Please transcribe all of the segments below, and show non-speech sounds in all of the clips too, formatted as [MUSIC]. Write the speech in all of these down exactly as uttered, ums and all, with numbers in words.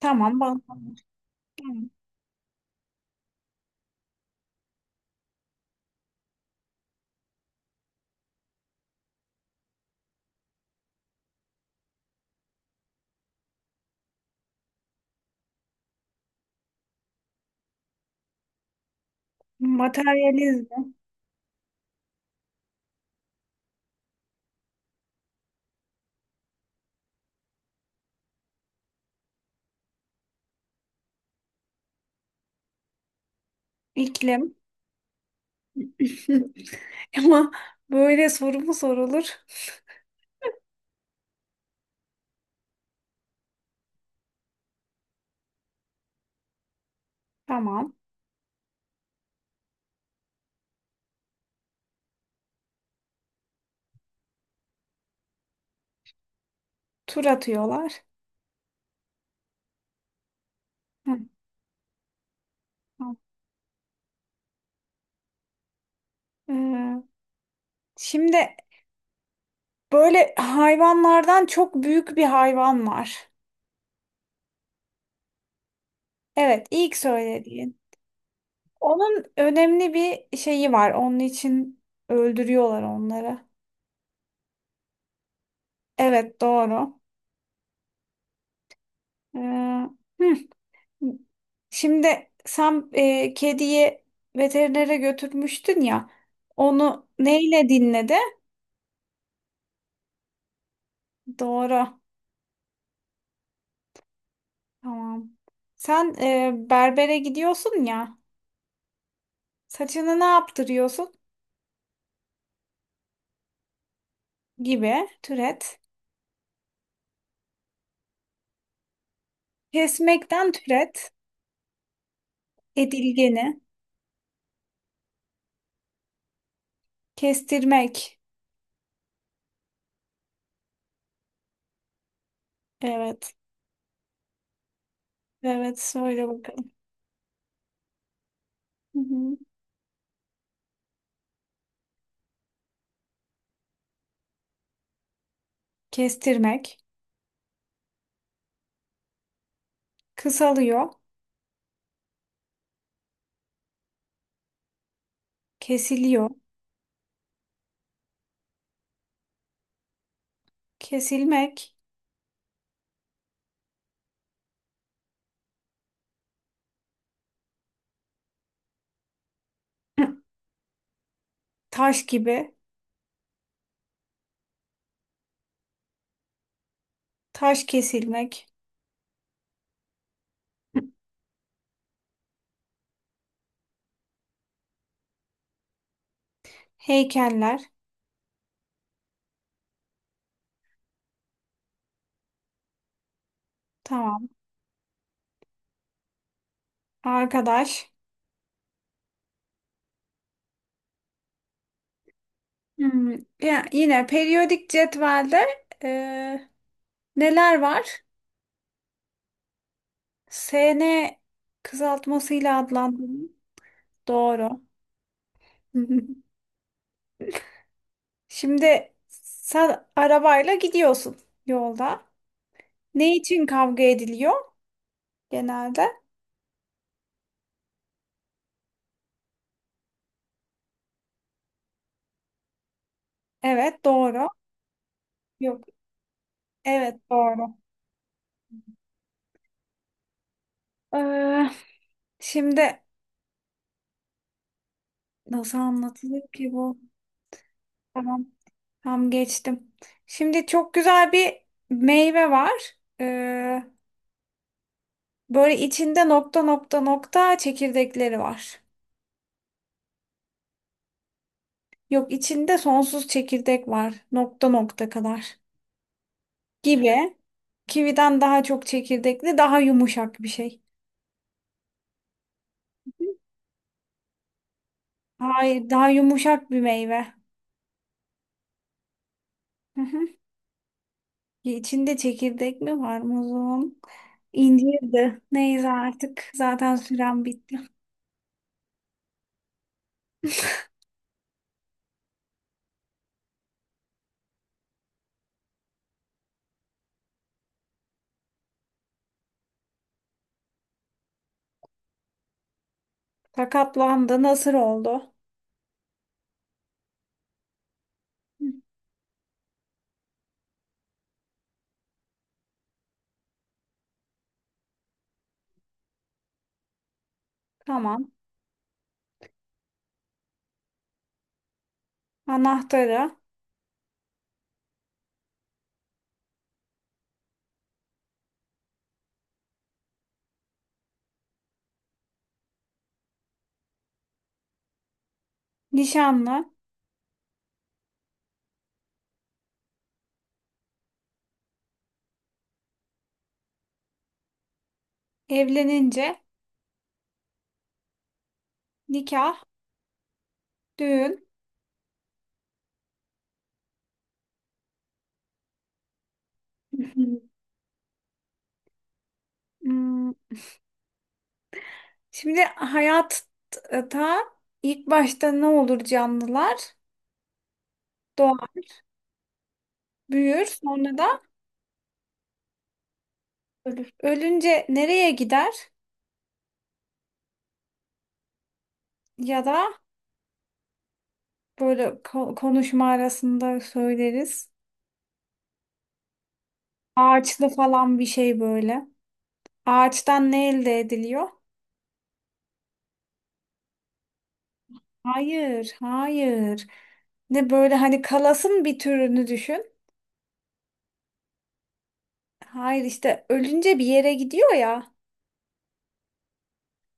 Tamam, bağlanmış. Tamam. Materyalizm, iklim. [LAUGHS] Ama böyle soru mu sorulur? Tamam. Tur atıyorlar. Hı, tamam. Ee, şimdi böyle hayvanlardan çok büyük bir hayvan var. Evet, ilk söylediğin. Onun önemli bir şeyi var. Onun için öldürüyorlar onları. Evet, doğru. Ee, hı. Şimdi sen e, kediyi veterinere götürmüştün ya. Onu neyle dinledi? Doğru. Tamam. Sen e, berbere gidiyorsun ya. Saçını ne yaptırıyorsun? Gibi. Türet. Kesmekten türet. Edilgeni. Kestirmek. Evet. Evet. Söyle bakalım. Hı hı. Kestirmek. Kısalıyor. Kesiliyor. Kesilmek. [CLEARS THROAT] Taş gibi. Taş kesilmek. Heykeller. Tamam. Arkadaş. Hmm, ya yine periyodik cetvelde e, neler var? S N kısaltmasıyla adlandırılıyor. Doğru. [LAUGHS] Şimdi sen arabayla gidiyorsun yolda. Ne için kavga ediliyor genelde? Evet, doğru. Yok, evet, doğru. Ee, şimdi nasıl anlatılır ki bu? Tamam. Tam geçtim. Şimdi çok güzel bir meyve var. Ee, böyle içinde nokta nokta nokta çekirdekleri var. Yok, içinde sonsuz çekirdek var. Nokta nokta kadar. Gibi. Kividen daha çok çekirdekli, daha yumuşak bir şey. Hayır, daha yumuşak bir meyve. Hı hı. İçinde çekirdek mi var muzum? İncirdi. Neyse artık. Zaten sürem bitti. Sakatlandı. Nasır oldu. Hı, tamam. Anahtarı. Nişanlı, evlenince, nikah, düğün. [LAUGHS] Hmm, şimdi hayatta ilk başta ne olur canlılar? Doğar, büyür, sonra da ölür. Ölünce nereye gider? Ya da böyle ko- konuşma arasında söyleriz. Ağaçlı falan bir şey böyle. Ağaçtan ne elde ediliyor? Hayır, hayır. Ne böyle, hani kalasın bir türünü düşün. Hayır, işte ölünce bir yere gidiyor ya.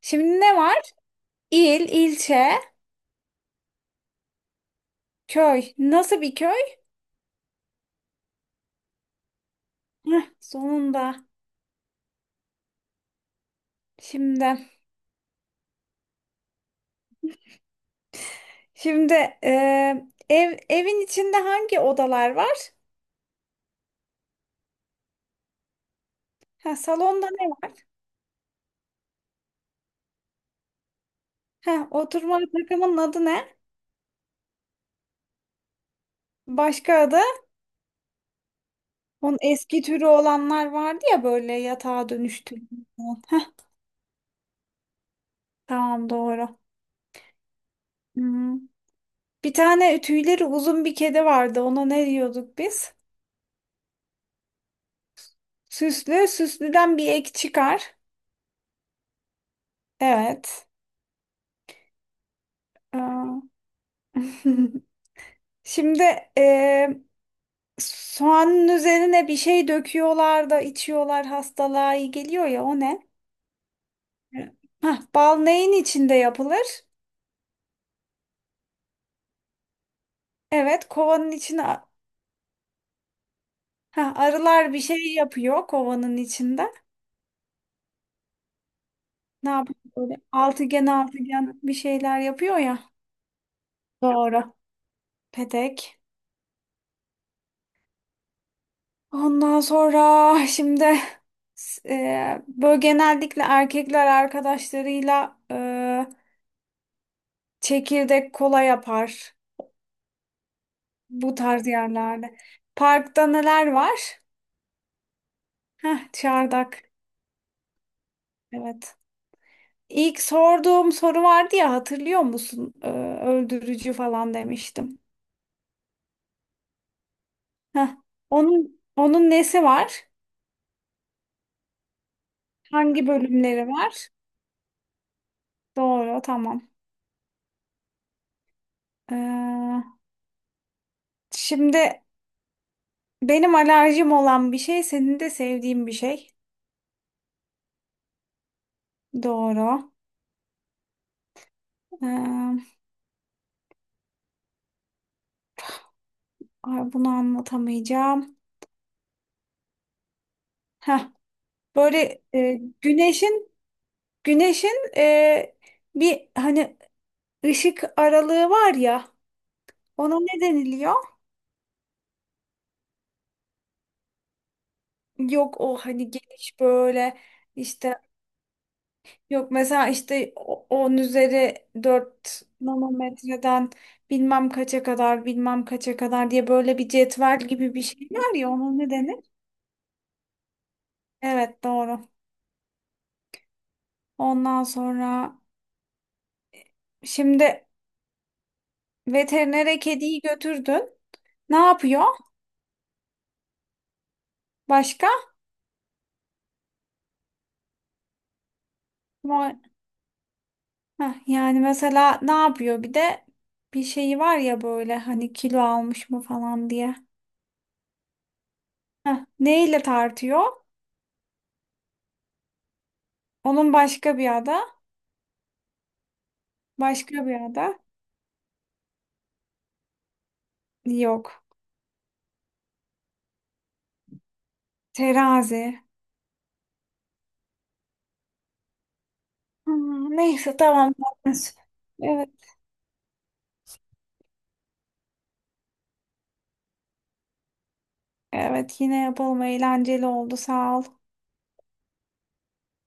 Şimdi ne var? İl, ilçe, köy. Nasıl bir köy? Heh, sonunda. Şimdi, şimdi eee, ev evin içinde hangi odalar var? Ha, salonda ne var? Ha, oturma takımının adı ne? Başka adı? Onun eski türü olanlar vardı ya, böyle yatağa dönüştürülen. Heh, tamam, doğru. Hmm. Bir tane tüyleri uzun bir kedi vardı. Ona ne diyorduk biz? Süslü, süslüden bir ek çıkar. Evet. Aa. [LAUGHS] Şimdi eee soğanın üzerine bir şey döküyorlar da içiyorlar, hastalığa iyi geliyor ya, o ne? Evet. Hah, bal neyin içinde yapılır? Evet, kovanın içine, ha, arılar bir şey yapıyor kovanın içinde. Ne yapıyor böyle, altıgen altıgen bir şeyler yapıyor ya. Doğru. Petek. Ondan sonra şimdi s- eee, böyle genellikle erkekler arkadaşlarıyla eee, çekirdek kola yapar. Bu tarz yerlerde. Parkta neler var? Heh, çardak. Evet. İlk sorduğum soru vardı ya, hatırlıyor musun? Ee, öldürücü falan demiştim. Heh. Onun, onun nesi var? Hangi bölümleri var? Doğru, tamam. Ee, şimdi benim alerjim olan bir şey, senin de sevdiğin bir şey. Doğru. Ee, ay, bunu anlatamayacağım. Heh. Böyle e, güneşin güneşin e, bir, hani Işık aralığı var ya, ona ne deniliyor? Yok, o hani geniş böyle işte, yok mesela işte o- on üzeri dört nanometreden bilmem kaça kadar, bilmem kaça kadar diye böyle bir cetvel gibi bir şey var ya, ona ne denir? Evet, doğru. Ondan sonra şimdi veterinere kediyi götürdün. Ne yapıyor? Başka? Heh, yani mesela ne yapıyor bir de, bir şeyi var ya, böyle hani kilo almış mı falan diye. Heh, neyle tartıyor? Onun başka bir ada, başka bir ada yok. Terazi. Hmm, neyse, tamam. [LAUGHS] Evet, evet, yine yapalım, eğlenceli oldu, sağ ol.